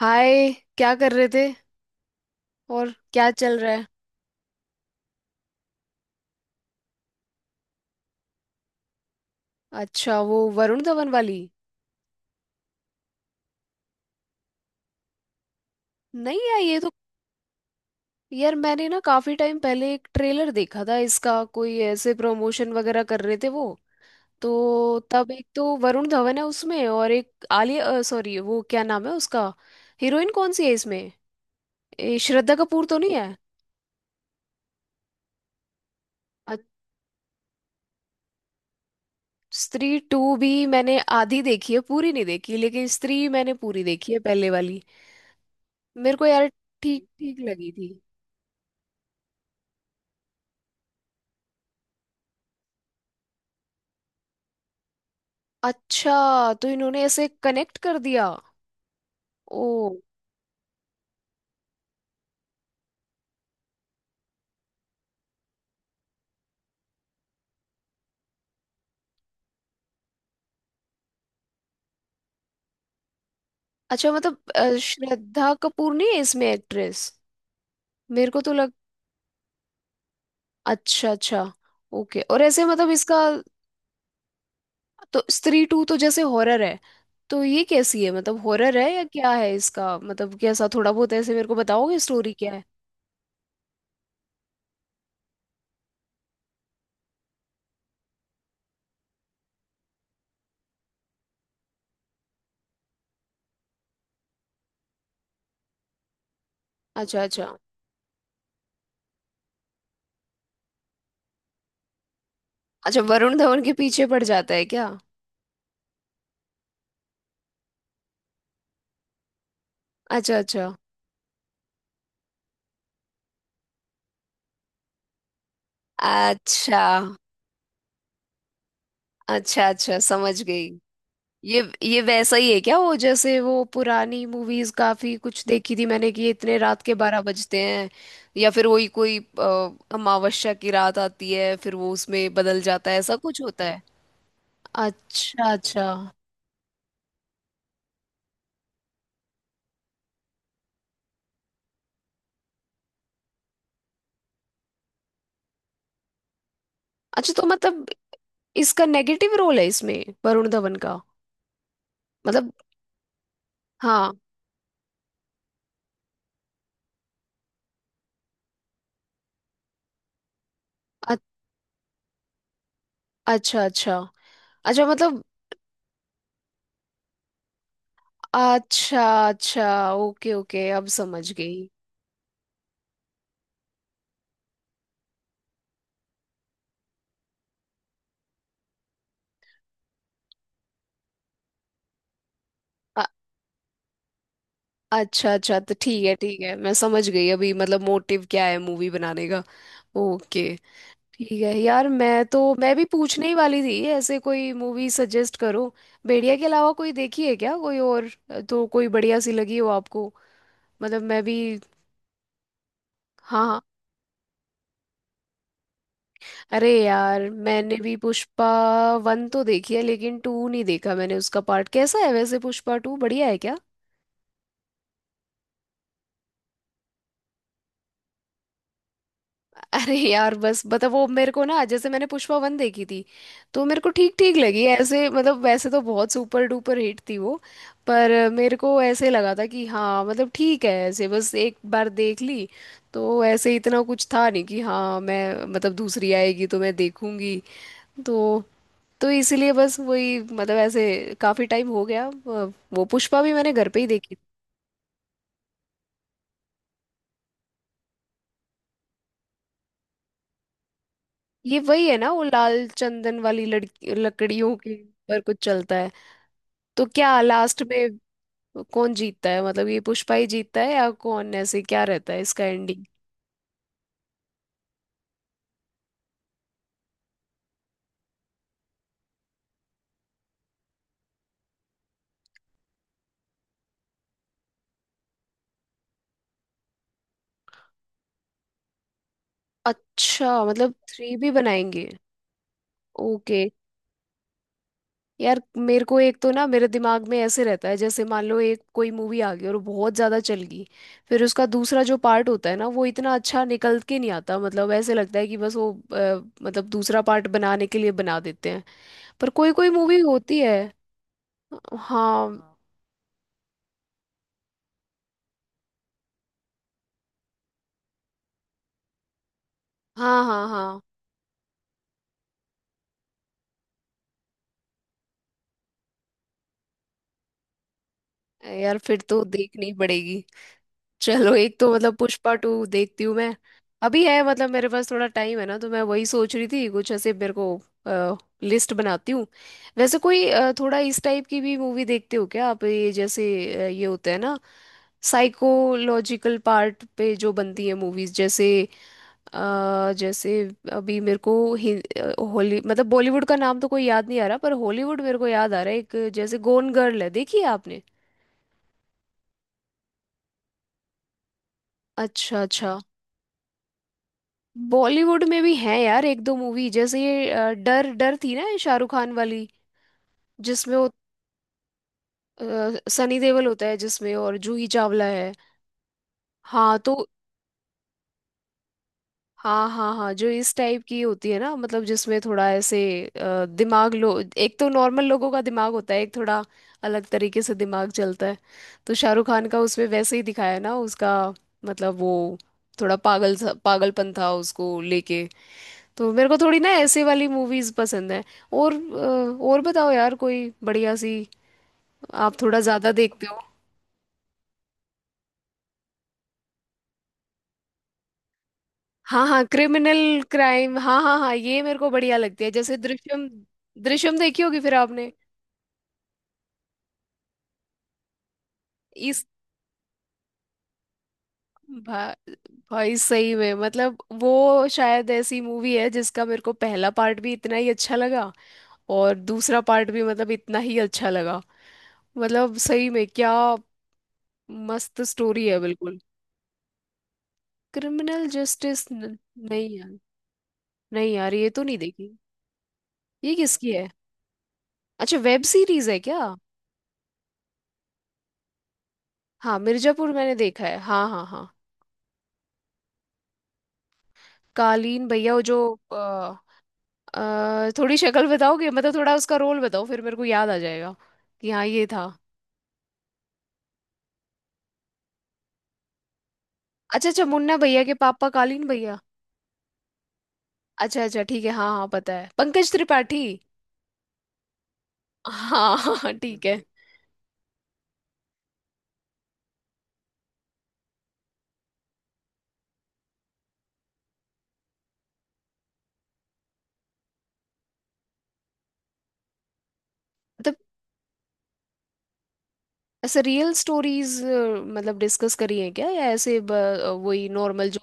हाय। क्या कर रहे थे? और क्या चल रहा है? अच्छा, वो वरुण धवन वाली। नहीं यार, ये तो यार मैंने ना काफी टाइम पहले एक ट्रेलर देखा था इसका, कोई ऐसे प्रमोशन वगैरह कर रहे थे वो। तो तब एक तो वरुण धवन है उसमें, और एक आलिया, सॉरी, वो क्या नाम है उसका। हीरोइन कौन सी है इसमें? ए, श्रद्धा कपूर तो नहीं है? अ- स्त्री टू भी मैंने आधी देखी है, पूरी नहीं देखी, लेकिन स्त्री मैंने पूरी देखी है, पहले वाली। मेरे को यार ठीक ठीक लगी थी। अच्छा, तो इन्होंने ऐसे कनेक्ट कर दिया। ओ। अच्छा, मतलब श्रद्धा कपूर नहीं है इसमें एक्ट्रेस? मेरे को तो लग। अच्छा अच्छा। ओके, और ऐसे मतलब इसका, तो स्त्री टू तो जैसे हॉरर है, तो ये कैसी है? मतलब हॉरर है या क्या है इसका? मतलब कैसा थोड़ा बहुत ऐसे मेरे को बताओगे, स्टोरी क्या है? अच्छा अच्छा। अच्छा, वरुण धवन के पीछे पड़ जाता है क्या? अच्छा अच्छा। अच्छा अच्छा। अच्छा, समझ गई। ये ये वैसा ही है क्या? वो जैसे वो पुरानी मूवीज काफी कुछ देखी थी मैंने, कि ये इतने रात के 12 बजते हैं या फिर वही कोई अमावस्या की रात आती है, फिर वो उसमें बदल जाता है, ऐसा कुछ होता है? अच्छा अच्छा। अच्छा, तो मतलब इसका नेगेटिव रोल है इसमें वरुण धवन का? मतलब हाँ। अ- अच्छा अच्छा। अच्छा, मतलब अच्छा अच्छा। ओके ओके, अब समझ गई। अच्छा अच्छा, तो ठीक है ठीक है, मैं समझ गई अभी। मतलब मोटिव क्या है मूवी बनाने का? ओके। ठीक है यार, मैं भी पूछने ही वाली थी, ऐसे कोई मूवी सजेस्ट करो, भेड़िया के अलावा कोई देखी है क्या कोई और, तो कोई बढ़िया सी लगी हो आपको, मतलब मैं भी। हाँ हाँ। अरे यार, मैंने भी पुष्पा वन तो देखी है, लेकिन टू नहीं देखा मैंने। उसका पार्ट कैसा है वैसे? पुष्पा टू बढ़िया है क्या? अरे यार, बस मतलब वो मेरे को ना, जैसे मैंने पुष्पा वन देखी थी, तो मेरे को ठीक ठीक लगी ऐसे। मतलब वैसे तो बहुत सुपर डुपर हिट थी वो, पर मेरे को ऐसे लगा था कि हाँ मतलब ठीक है ऐसे, बस एक बार देख ली, तो ऐसे इतना कुछ था नहीं कि हाँ मैं मतलब दूसरी आएगी तो मैं देखूंगी। तो तो इसीलिए बस वही, मतलब ऐसे काफी टाइम हो गया वो पुष्पा भी मैंने घर पे ही देखी। ये वही है ना, वो लाल चंदन वाली, लड़की लकड़ियों के ऊपर कुछ चलता है? तो क्या लास्ट में कौन जीतता है? मतलब ये पुष्पा ही जीतता है या कौन? ऐसे क्या रहता है इसका एंडिंग? अच्छा, मतलब थ्री भी बनाएंगे। ओके। यार मेरे को एक तो ना मेरे दिमाग में ऐसे रहता है, जैसे मान लो एक कोई मूवी आ गई और बहुत ज़्यादा चल गई, फिर उसका दूसरा जो पार्ट होता है ना वो इतना अच्छा निकल के नहीं आता। मतलब ऐसे लगता है कि बस वो मतलब दूसरा पार्ट बनाने के लिए बना देते हैं, पर कोई कोई मूवी होती है। हाँ हाँ हाँ हाँ। यार फिर तो देखनी पड़ेगी। चलो, एक तो मतलब पुष्पा टू देखती हूँ मैं। अभी है, मतलब मेरे पास थोड़ा टाइम है ना, तो मैं वही सोच रही थी कुछ ऐसे मेरे को लिस्ट बनाती हूँ। वैसे कोई थोड़ा इस टाइप की भी मूवी देखते हो क्या आप, ये जैसे ये होता है ना साइकोलॉजिकल पार्ट पे जो बनती है मूवीज, जैसे जैसे अभी मेरे को हॉली मतलब बॉलीवुड का नाम तो कोई याद नहीं आ रहा, पर हॉलीवुड मेरे को याद आ रहा है एक, जैसे गोन गर्ल है, देखी है आपने? अच्छा अच्छा। बॉलीवुड में भी है यार एक दो मूवी, जैसे ये डर, डर थी ना ये शाहरुख खान वाली, जिसमें वो सनी देओल होता है जिसमें, और जूही चावला है। हाँ तो। हाँ हाँ हाँ, जो इस टाइप की होती है ना, मतलब जिसमें थोड़ा ऐसे दिमाग, लो एक तो नॉर्मल लोगों का दिमाग होता है, एक थोड़ा अलग तरीके से दिमाग चलता है, तो शाहरुख खान का उसमें वैसे ही दिखाया है ना उसका। मतलब वो थोड़ा पागलपन था उसको लेके, तो मेरे को थोड़ी ना ऐसे वाली मूवीज पसंद है। और बताओ यार कोई बढ़िया सी, आप थोड़ा ज्यादा देखते हो। हाँ हाँ, क्रिमिनल, क्राइम, हाँ हाँ हाँ, ये मेरे को बढ़िया लगती है, जैसे दृश्यम, दृश्यम देखी होगी फिर आपने। इस भा, भाई सही में, मतलब वो शायद ऐसी मूवी है जिसका मेरे को पहला पार्ट भी इतना ही अच्छा लगा और दूसरा पार्ट भी, मतलब इतना ही अच्छा लगा। मतलब सही में क्या मस्त स्टोरी है बिल्कुल। क्रिमिनल जस्टिस, नहीं यार, नहीं यार, ये तो नहीं देखी। ये किसकी है? अच्छा, वेब सीरीज है क्या? हाँ मिर्जापुर मैंने देखा है, हाँ हाँ हाँ। कालीन भैया वो जो अ, थोड़ी शक्ल बताओगे, मतलब थोड़ा उसका रोल बताओ, फिर मेरे को याद आ जाएगा कि हाँ ये था। अच्छा अच्छा, मुन्ना भैया के पापा कालीन भैया। अच्छा अच्छा, ठीक है, हाँ हाँ, पता है, पंकज त्रिपाठी। हाँ हाँ ठीक है। मतलब ऐसे रियल स्टोरीज मतलब डिस्कस करी है क्या, या ऐसे वही नॉर्मल जो।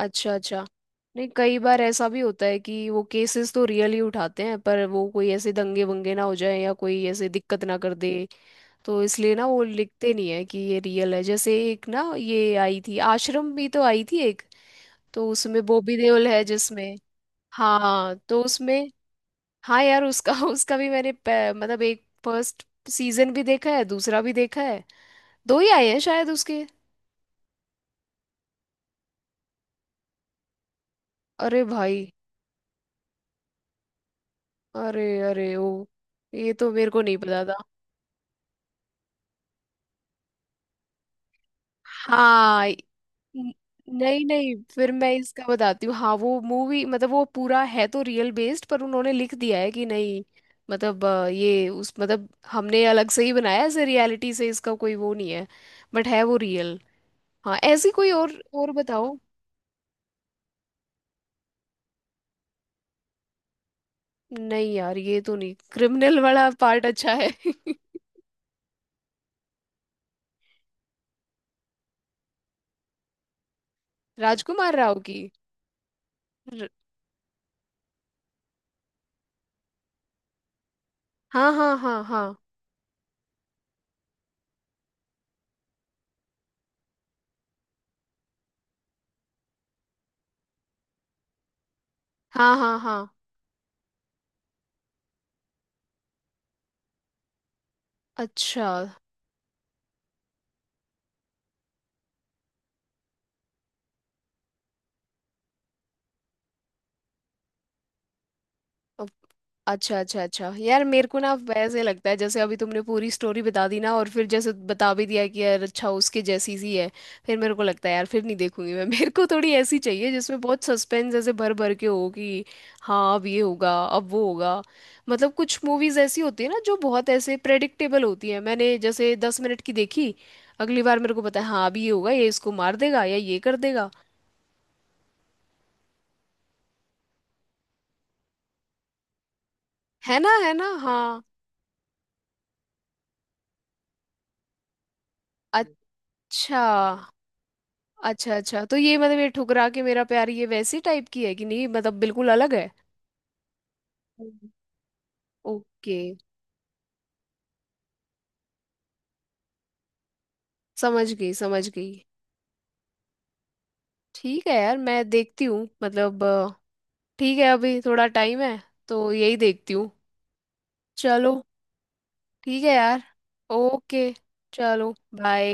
अच्छा अच्छा। नहीं, कई बार ऐसा भी होता है कि वो केसेस तो रियल ही उठाते हैं, पर वो कोई ऐसे दंगे वंगे ना हो जाए या कोई ऐसे दिक्कत ना कर दे, तो इसलिए ना वो लिखते नहीं है कि ये रियल है। जैसे एक ना ये आई थी, आश्रम भी तो आई थी एक, तो उसमें बॉबी देओल है जिसमें। हाँ तो उसमें। हाँ यार उसका उसका भी मैंने मतलब एक फर्स्ट सीजन भी देखा है, दूसरा भी देखा है, दो ही आए हैं शायद उसके। अरे भाई। अरे। अरे ओ। ये तो मेरे को नहीं पता था। हाँ। न- नहीं नहीं, फिर मैं इसका बताती हूँ। हाँ वो मूवी मतलब वो पूरा है तो रियल बेस्ड, पर उन्होंने लिख दिया है कि नहीं। मतलब ये उस मतलब हमने अलग से ही बनाया है, ऐसे रियलिटी से इसका कोई वो नहीं है, बट है वो रियल। हाँ, ऐसी कोई और बताओ। नहीं यार, ये तो नहीं, क्रिमिनल वाला पार्ट अच्छा है राजकुमार राव की। र- हाँ हाँ हाँ हाँ। हाँ हाँ हाँ। अच्छा। अच्छा अच्छा अच्छा। यार मेरे को ना वैसे लगता है, जैसे अभी तुमने पूरी स्टोरी बता दी ना, और फिर जैसे बता भी दिया कि यार अच्छा उसके जैसी सी है, फिर मेरे को लगता है यार फिर नहीं देखूंगी मैं मेरे को थोड़ी ऐसी चाहिए जिसमें बहुत सस्पेंस ऐसे भर भर के हो, कि हाँ अब ये होगा अब वो होगा। मतलब कुछ मूवीज ऐसी होती है ना जो बहुत ऐसे प्रेडिक्टेबल होती है, मैंने जैसे 10 मिनट की देखी, अगली बार मेरे को पता है हाँ अभी ये होगा, ये इसको मार देगा या ये कर देगा। है ना, है ना, हाँ। अच्छा अच्छा। अच्छा तो ये मतलब ये ठुकरा के मेरा प्यार, ये वैसी टाइप की है कि नहीं? मतलब बिल्कुल अलग है? हम्म। ओके। समझ गई समझ गई। ठीक है यार, मैं देखती हूँ मतलब ठीक है अभी थोड़ा टाइम है तो यही देखती हूँ। चलो। ठीक है यार। ओके। चलो। बाय।